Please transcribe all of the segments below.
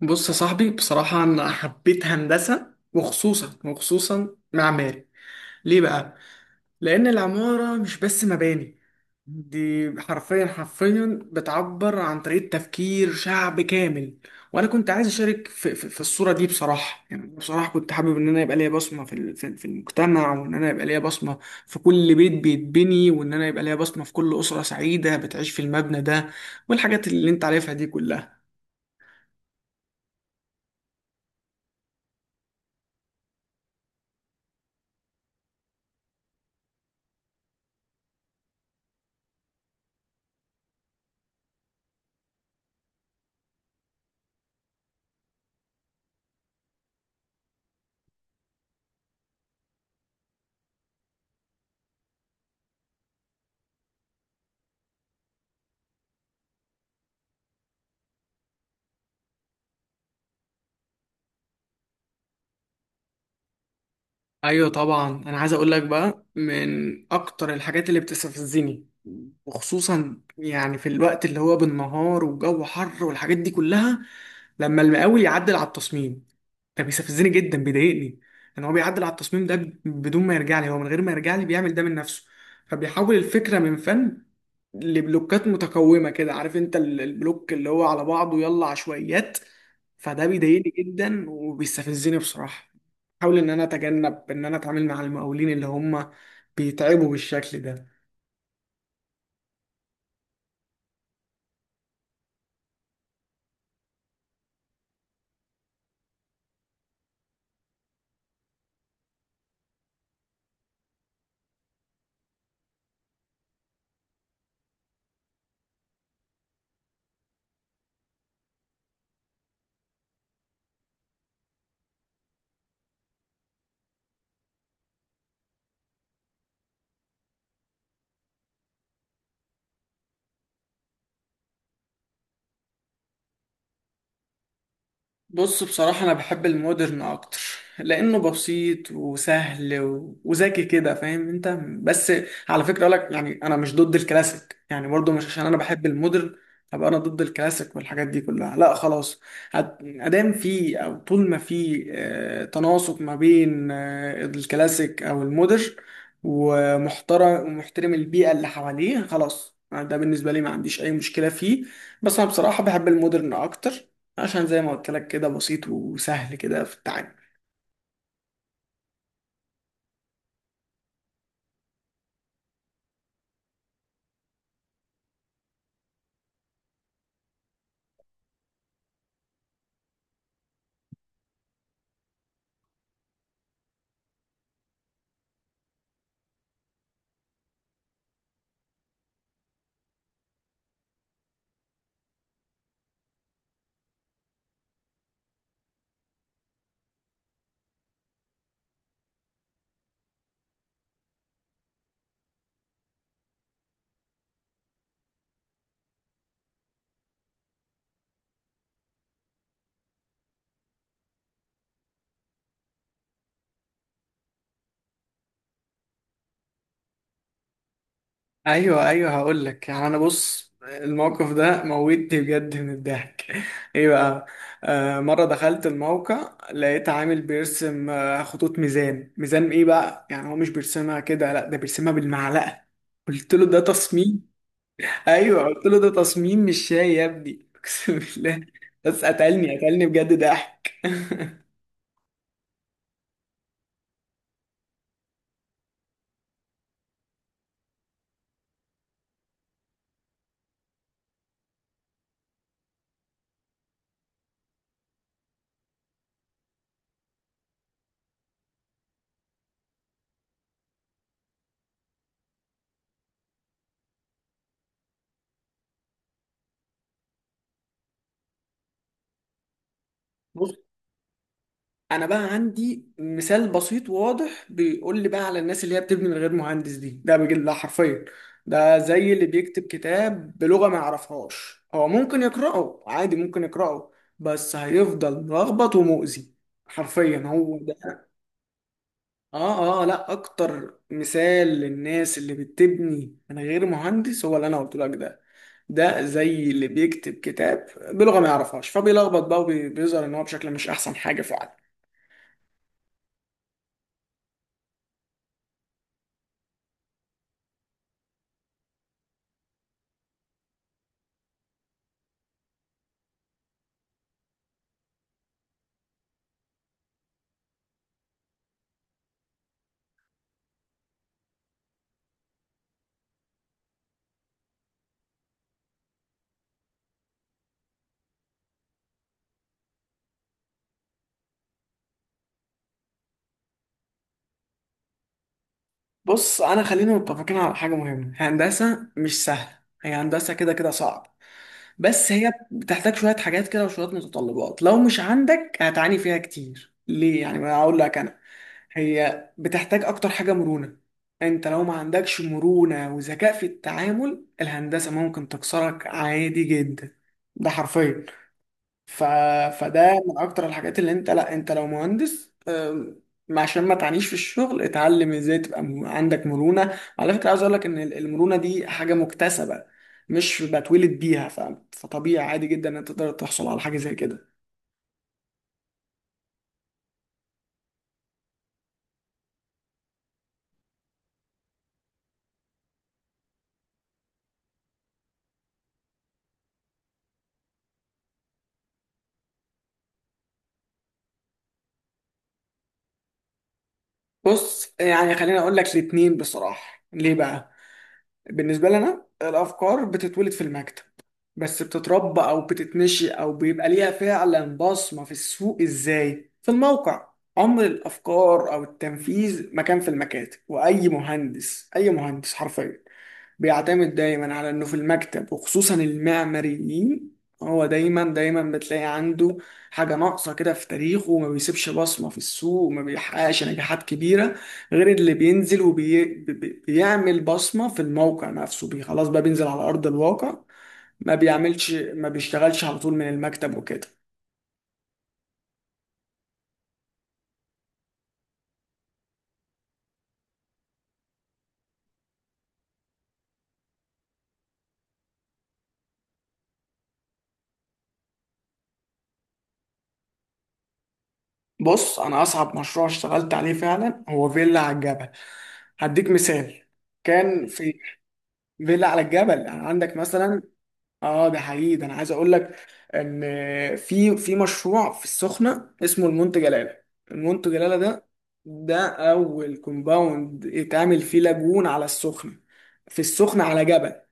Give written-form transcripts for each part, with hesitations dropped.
بص يا صاحبي، بصراحة أنا حبيت هندسة، وخصوصا معماري. ليه بقى؟ لأن العمارة مش بس مباني، دي حرفيا بتعبر عن طريقة تفكير شعب كامل. وأنا كنت عايز أشارك في الصورة دي. بصراحة يعني بصراحة كنت حابب إن أنا يبقى ليا بصمة في المجتمع، وإن أنا يبقى ليا بصمة في كل بيت بيتبني، وإن أنا يبقى ليا بصمة في كل أسرة سعيدة بتعيش في المبنى ده، والحاجات اللي أنت عارفها دي كلها. ايوه طبعا، انا عايز اقول لك بقى من اكتر الحاجات اللي بتستفزني، وخصوصا يعني في الوقت اللي هو بالنهار والجو حر والحاجات دي كلها، لما المقاول يعدل على التصميم. ده بيستفزني جدا، بيضايقني ان هو بيعدل على التصميم ده بدون ما يرجع لي، هو من غير ما يرجع لي بيعمل ده من نفسه. فبيحول الفكره من فن لبلوكات متكومه كده، عارف انت البلوك اللي هو على بعضه، يلا عشوائيات. فده بيضايقني جدا وبيستفزني بصراحه. احاول ان انا اتجنب ان انا اتعامل مع المقاولين اللي هم بيتعبوا بالشكل ده. بص بصراحة، أنا بحب المودرن أكتر، لأنه بسيط وسهل وذكي كده، فاهم أنت. بس على فكرة أقولك، يعني أنا مش ضد الكلاسيك، يعني برضو مش عشان أنا بحب المودرن أبقى أنا ضد الكلاسيك والحاجات دي كلها، لا خلاص. أدام في أو طول ما في تناسق ما بين الكلاسيك أو المودرن، ومحترم البيئة اللي حواليه، خلاص ده بالنسبة لي ما عنديش أي مشكلة فيه. بس أنا بصراحة بحب المودرن أكتر، عشان زي ما قلت لك كده بسيط وسهل كده في التعامل. ايوه ايوه، هقول لك يعني انا، بص الموقف ده موتني بجد من الضحك ايه بقى. آه، مره دخلت الموقع لقيت عامل بيرسم خطوط ميزان. ميزان ايه بقى؟ يعني هو مش بيرسمها كده، لا ده بيرسمها بالمعلقه. قلت له ده تصميم. ايوه قلت له ده تصميم مش شاي يا ابني اقسم بالله. بس قتلني بجد ضحك. انا بقى عندي مثال بسيط وواضح بيقول لي بقى على الناس اللي هي بتبني من غير مهندس دي. ده بجد ده حرفيا، ده زي اللي بيكتب كتاب بلغة ما يعرفهاش. هو ممكن يقرأه عادي، ممكن يقرأه، بس هيفضل ملخبط ومؤذي. حرفيا هو ده. اه اه، لا اكتر مثال للناس اللي بتبني من غير مهندس هو اللي انا قلت لك ده. ده زي اللي بيكتب كتاب بلغة ما يعرفهاش، فبيلخبط بقى وبيظهر ان هو بشكل مش احسن حاجة فعلا. بص، انا خلينا متفقين على حاجه مهمه، هندسه مش سهله. هي هندسه كده كده صعب. بس هي بتحتاج شويه حاجات كده وشويه متطلبات، لو مش عندك هتعاني فيها كتير. ليه يعني؟ ما اقول لك انا، هي بتحتاج اكتر حاجه مرونه. انت لو ما عندكش مرونه وذكاء في التعامل، الهندسه ممكن تكسرك عادي جدا. ده حرفيا. ف... فده من اكتر الحاجات اللي انت، لا انت لو مهندس، عشان ما تعانيش في الشغل، اتعلم ازاي تبقى عندك مرونة. على فكرة عاوز اقول لك ان المرونة دي حاجة مكتسبة، مش بتولد بيها. فطبيعي عادي جدا ان انت تقدر تحصل على حاجة زي كده. بص يعني خليني اقول لك الاتنين بصراحة. ليه بقى؟ بالنسبة لنا الأفكار بتتولد في المكتب، بس بتتربى أو بتتنشئ أو بيبقى ليها فعلا بصمة في السوق إزاي؟ في الموقع. عمر الأفكار أو التنفيذ ما كان في المكاتب، وأي مهندس، أي مهندس حرفيا بيعتمد دايما على انه في المكتب، وخصوصا المعماريين، هو دايما بتلاقي عنده حاجة ناقصة كده في تاريخه، وما بيسيبش بصمة في السوق وما بيحققش نجاحات كبيرة، غير اللي بينزل وبيعمل بصمة في الموقع نفسه. بي خلاص بقى، بينزل على أرض الواقع، ما بيعملش، ما بيشتغلش على طول من المكتب وكده. بص، أنا أصعب مشروع اشتغلت عليه فعلا هو فيلا على الجبل. هديك مثال. كان في فيلا على الجبل، يعني عندك مثلا. اه ده حقيقي، ده انا عايز اقول لك ان في في مشروع في السخنه اسمه المنتج جلاله. المنتج جلاله ده، ده اول كومباوند اتعمل فيه لاجون على السخنه، في السخنه على جبل.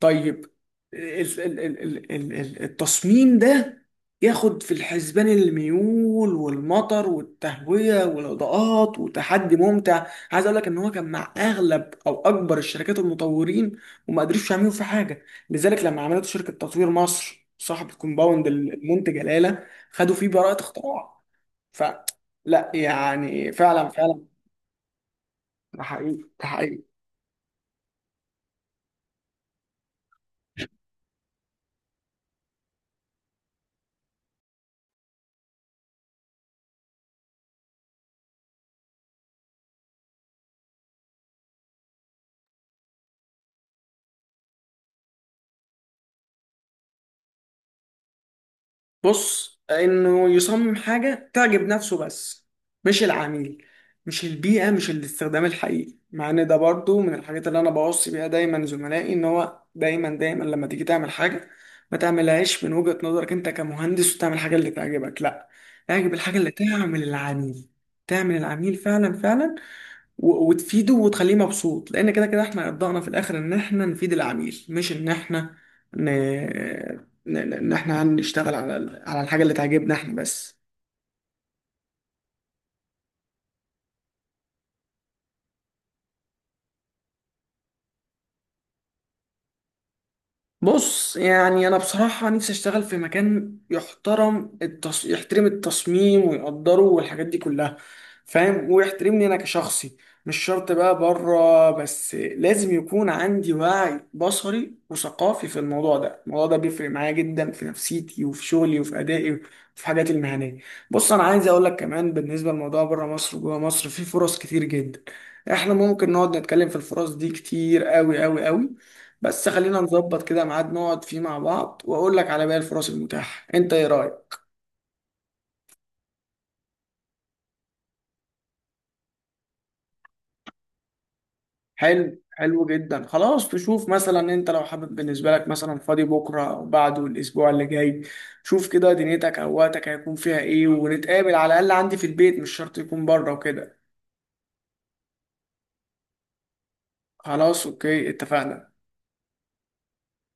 طيب، ال- ال- ال- التصميم ده ياخد في الحسبان الميول والمطر والتهوية والإضاءات، وتحدي ممتع. عايز اقول لك ان هو كان مع اغلب او اكبر الشركات المطورين، وما قدروش يعملوا فيه حاجة. لذلك لما عملت شركة تطوير مصر صاحب الكومباوند المنتج جلالة، خدوا فيه براءة اختراع. ف لا يعني فعلا فعلا، ده حقيقي ده حقيقي. بص، انه يصمم حاجه تعجب نفسه بس، مش العميل، مش البيئه، مش الاستخدام الحقيقي. مع ان ده برضو من الحاجات اللي انا بوصي بيها دايما زملائي، ان هو دايما لما تيجي تعمل حاجه، ما تعملهاش من وجهه نظرك انت كمهندس وتعمل الحاجه اللي تعجبك، لا اعجب الحاجه اللي تعمل العميل. تعمل العميل فعلا فعلا، وتفيده وتخليه مبسوط، لان كده كده احنا ابدانا في الاخر ان احنا نفيد العميل، مش ان احنا ن... ان احنا هنشتغل على على الحاجه اللي تعجبنا احنا بس. بص يعني انا بصراحه نفسي اشتغل في مكان يحترم يحترم التصميم ويقدره والحاجات دي كلها، فاهم، ويحترمني انا كشخصي. مش شرط بقى بره، بس لازم يكون عندي وعي بصري وثقافي في الموضوع ده. الموضوع ده بيفرق معايا جدا في نفسيتي وفي شغلي وفي ادائي وفي حاجاتي المهنيه. بص انا عايز اقول لك كمان بالنسبه لموضوع بره مصر وجوه مصر، في فرص كتير جدا. احنا ممكن نقعد نتكلم في الفرص دي كتير قوي. بس خلينا نظبط كده ميعاد نقعد فيه مع بعض، واقول لك على باقي الفرص المتاحة، انت ايه رأيك؟ حلو حلو جدا، خلاص. تشوف مثلا انت لو حابب، بالنسبة لك مثلا فاضي بكرة او بعده الاسبوع اللي جاي. شوف كده دنيتك او وقتك هيكون فيها ايه، ونتقابل على الاقل عندي في البيت، مش شرط يكون بره وكده. خلاص اوكي، اتفقنا.